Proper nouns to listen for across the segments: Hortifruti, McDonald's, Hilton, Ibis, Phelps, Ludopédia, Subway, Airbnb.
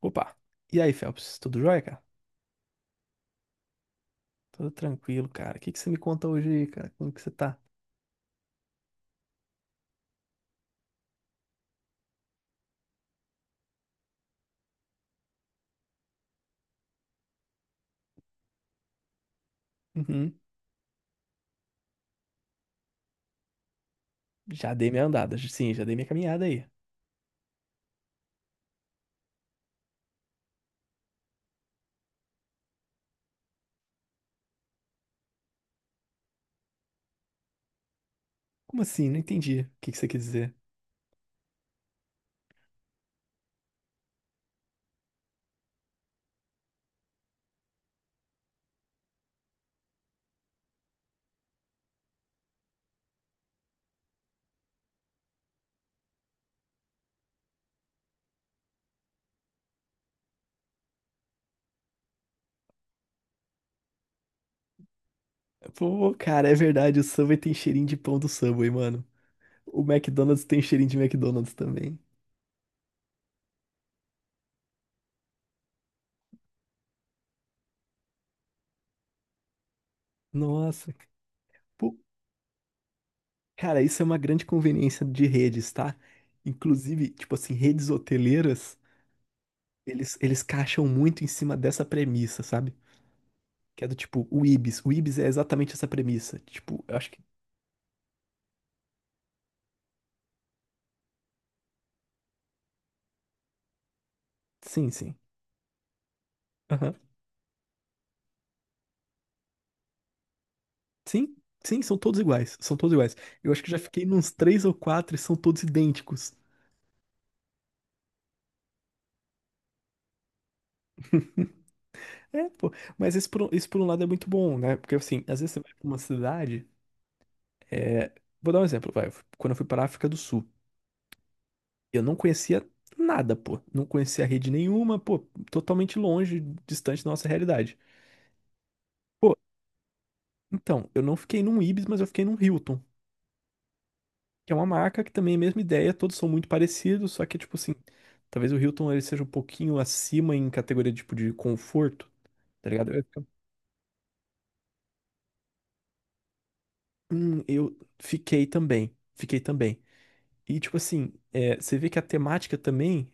Opa! E aí, Phelps? Tudo jóia, cara? Tudo tranquilo, cara. O que que você me conta hoje aí, cara? Como que você tá? Uhum. Já dei minha andada, sim, já dei minha caminhada aí. Como assim? Não entendi. O que que você quis dizer? Pô, cara, é verdade, o Subway tem cheirinho de pão do Subway, mano. O McDonald's tem cheirinho de McDonald's também. Nossa. Pô, cara, isso é uma grande conveniência de redes, tá? Inclusive, tipo assim, redes hoteleiras, eles caixam muito em cima dessa premissa, sabe? Que é do tipo, o Ibis. O Ibis é exatamente essa premissa. Tipo, eu acho que. Sim, sim. Aham. Sim, sim, são todos iguais. São todos iguais. Eu acho que já fiquei nos três ou quatro e são todos idênticos. É, pô. Mas isso isso por um lado é muito bom, né? Porque assim, às vezes você vai pra uma cidade. É... Vou dar um exemplo, vai. Quando eu fui para a África do Sul, eu não conhecia nada, pô. Não conhecia rede nenhuma, pô. Totalmente longe, distante da nossa realidade. Pô, então, eu não fiquei num Ibis, mas eu fiquei num Hilton, que é uma marca que também é a mesma ideia, todos são muito parecidos, só que, tipo assim, talvez o Hilton ele seja um pouquinho acima em categoria, tipo, de conforto, tá ligado? Eu fiquei também, fiquei também. E, tipo assim, é, você vê que a temática também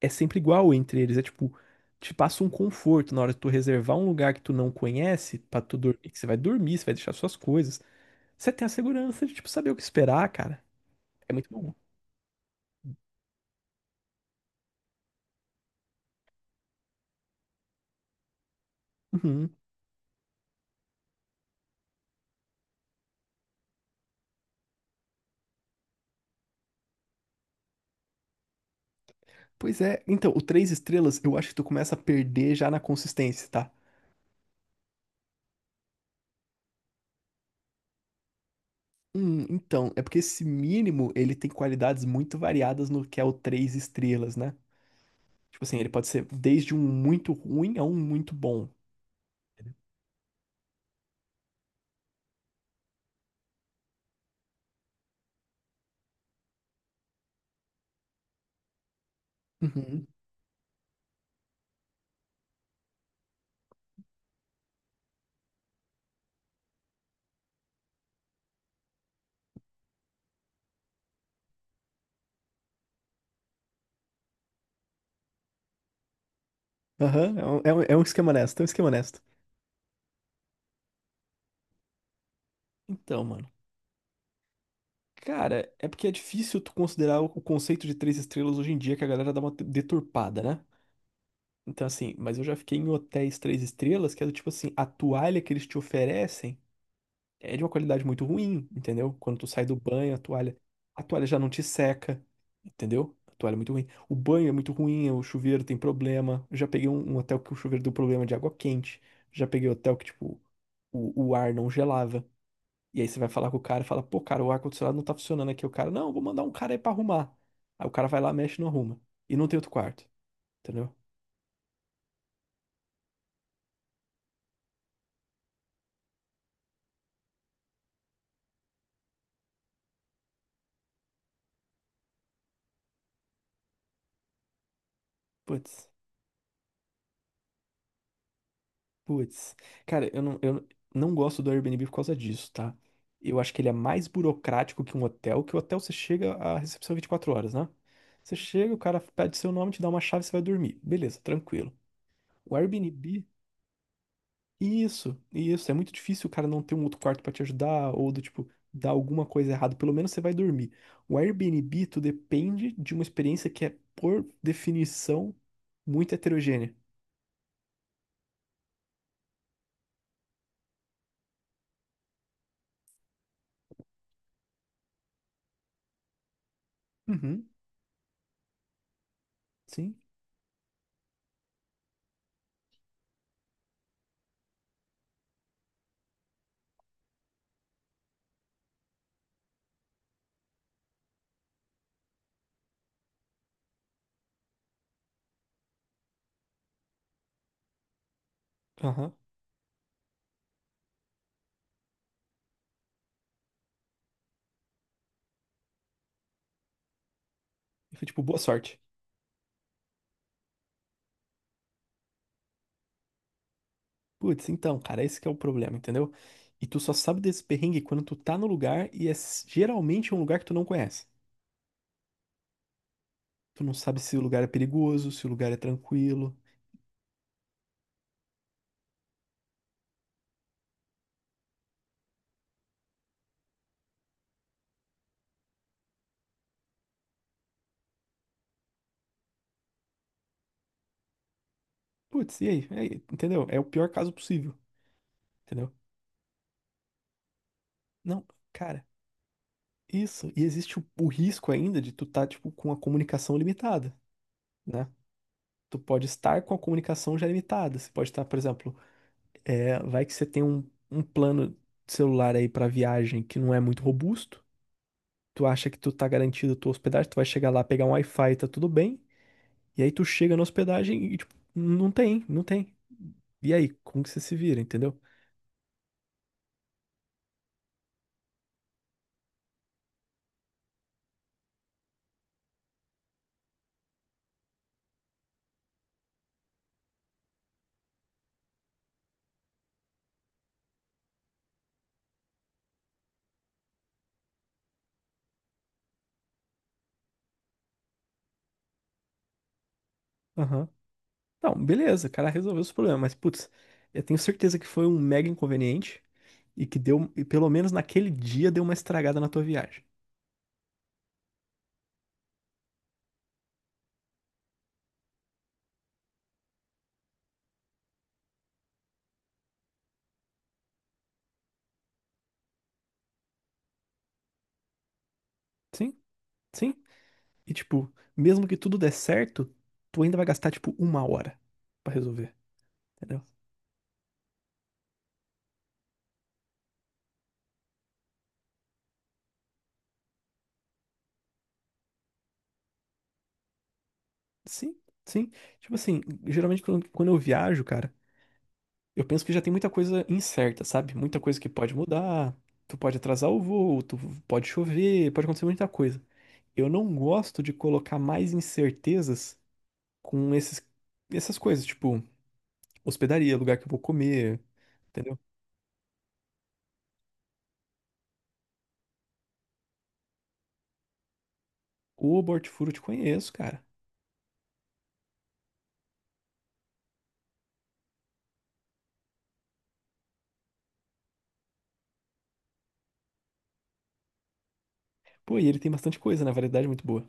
é sempre igual entre eles, é tipo, te passa um conforto na hora de tu reservar um lugar que tu não conhece pra tu dormir, que você vai dormir, você vai deixar suas coisas. Você tem a segurança de, tipo, saber o que esperar, cara. É muito bom. Uhum. Pois é, então, o três estrelas eu acho que tu começa a perder já na consistência, tá? Então, é porque esse mínimo, ele tem qualidades muito variadas no que é o três estrelas, né? Tipo assim, ele pode ser desde um muito ruim a um muito bom. Uhum. Aham, é um esquema honesto, é um esquema honesto. Então, mano, cara, é porque é difícil tu considerar o conceito de três estrelas hoje em dia, que a galera dá uma deturpada, né? Então, assim, mas eu já fiquei em hotéis três estrelas, que é do tipo assim, a toalha que eles te oferecem é de uma qualidade muito ruim, entendeu? Quando tu sai do banho, a toalha já não te seca, entendeu? A toalha é muito ruim. O banho é muito ruim, o chuveiro tem problema. Eu já peguei um hotel que o chuveiro deu problema de água quente. Já peguei hotel que, tipo, o ar não gelava. E aí você vai falar com o cara e fala, pô, cara, o ar-condicionado não tá funcionando aqui. O cara, não, vou mandar um cara aí pra arrumar. Aí o cara vai lá, mexe e não arruma. E não tem outro quarto, entendeu? Putz. Putz, cara, eu não gosto do Airbnb por causa disso, tá? Eu acho que ele é mais burocrático que um hotel, que o hotel você chega à recepção 24 horas, né? Você chega, o cara pede seu nome, te dá uma chave, você vai dormir. Beleza, tranquilo. O Airbnb, isso, isso. É muito difícil o cara não ter um outro quarto pra te ajudar, ou do tipo, dar alguma coisa errada. Pelo menos você vai dormir. O Airbnb, tu depende de uma experiência que é, por definição, muito heterogênea. Uhum, sim, aham. Eu fui tipo, boa sorte. Putz, então, cara, esse que é o problema, entendeu? E tu só sabe desse perrengue quando tu tá no lugar e geralmente um lugar que tu não conhece. Tu não sabe se o lugar é perigoso, se o lugar é tranquilo. Putz, e aí? E aí, entendeu? É o pior caso possível, entendeu? Não, cara, isso. E existe o risco ainda de tu tá, tipo, com a comunicação limitada, né? Tu pode estar com a comunicação já limitada. Você pode estar, por exemplo, é, vai que você tem um, um plano de celular aí pra viagem que não é muito robusto. Tu acha que tu tá garantido tua hospedagem, tu vai chegar lá, pegar um Wi-Fi, tá tudo bem. E aí tu chega na hospedagem e, tipo, não tem, não tem. E aí, como que você se vira, entendeu? Aham. Não, beleza, o cara resolveu os problemas, mas, putz, eu tenho certeza que foi um mega inconveniente e que deu, e pelo menos naquele dia, deu uma estragada na tua viagem. Sim, sim. E, tipo, mesmo que tudo der certo, tu ainda vai gastar, tipo, uma hora pra resolver, entendeu? Sim, sim. Tipo assim, geralmente quando eu viajo, cara. Eu penso que já tem muita coisa incerta, sabe? Muita coisa que pode mudar, tu pode atrasar o voo, tu pode chover, pode acontecer muita coisa. Eu não gosto de colocar mais incertezas com esses, essas coisas, tipo, hospedaria, lugar que eu vou comer, entendeu? O Hortifruti eu te conheço, cara. Pô, e ele tem bastante coisa, né? Variedade muito boa.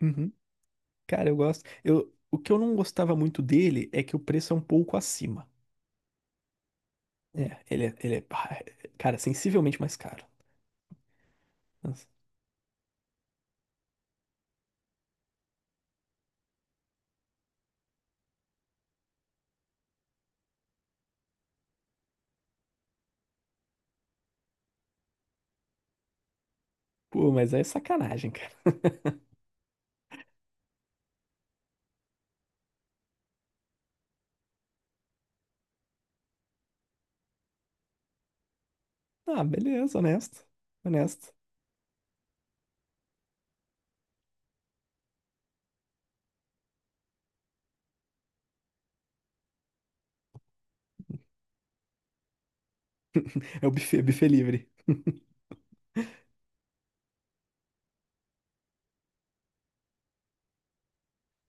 Uhum. Cara, eu gosto. Eu, o que eu não gostava muito dele é que o preço é um pouco acima. É, ele é, ele é, ah, é, cara, sensivelmente mais caro. Nossa. Pô, mas é sacanagem. Ah, beleza, honesto. Honesto. É o buffet, buffet livre.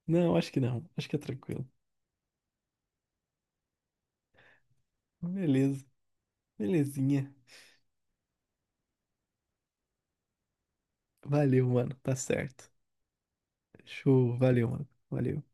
Não, acho que não. Acho que é tranquilo. Beleza. Belezinha. Valeu, mano. Tá certo. Show. Valeu, mano. Valeu.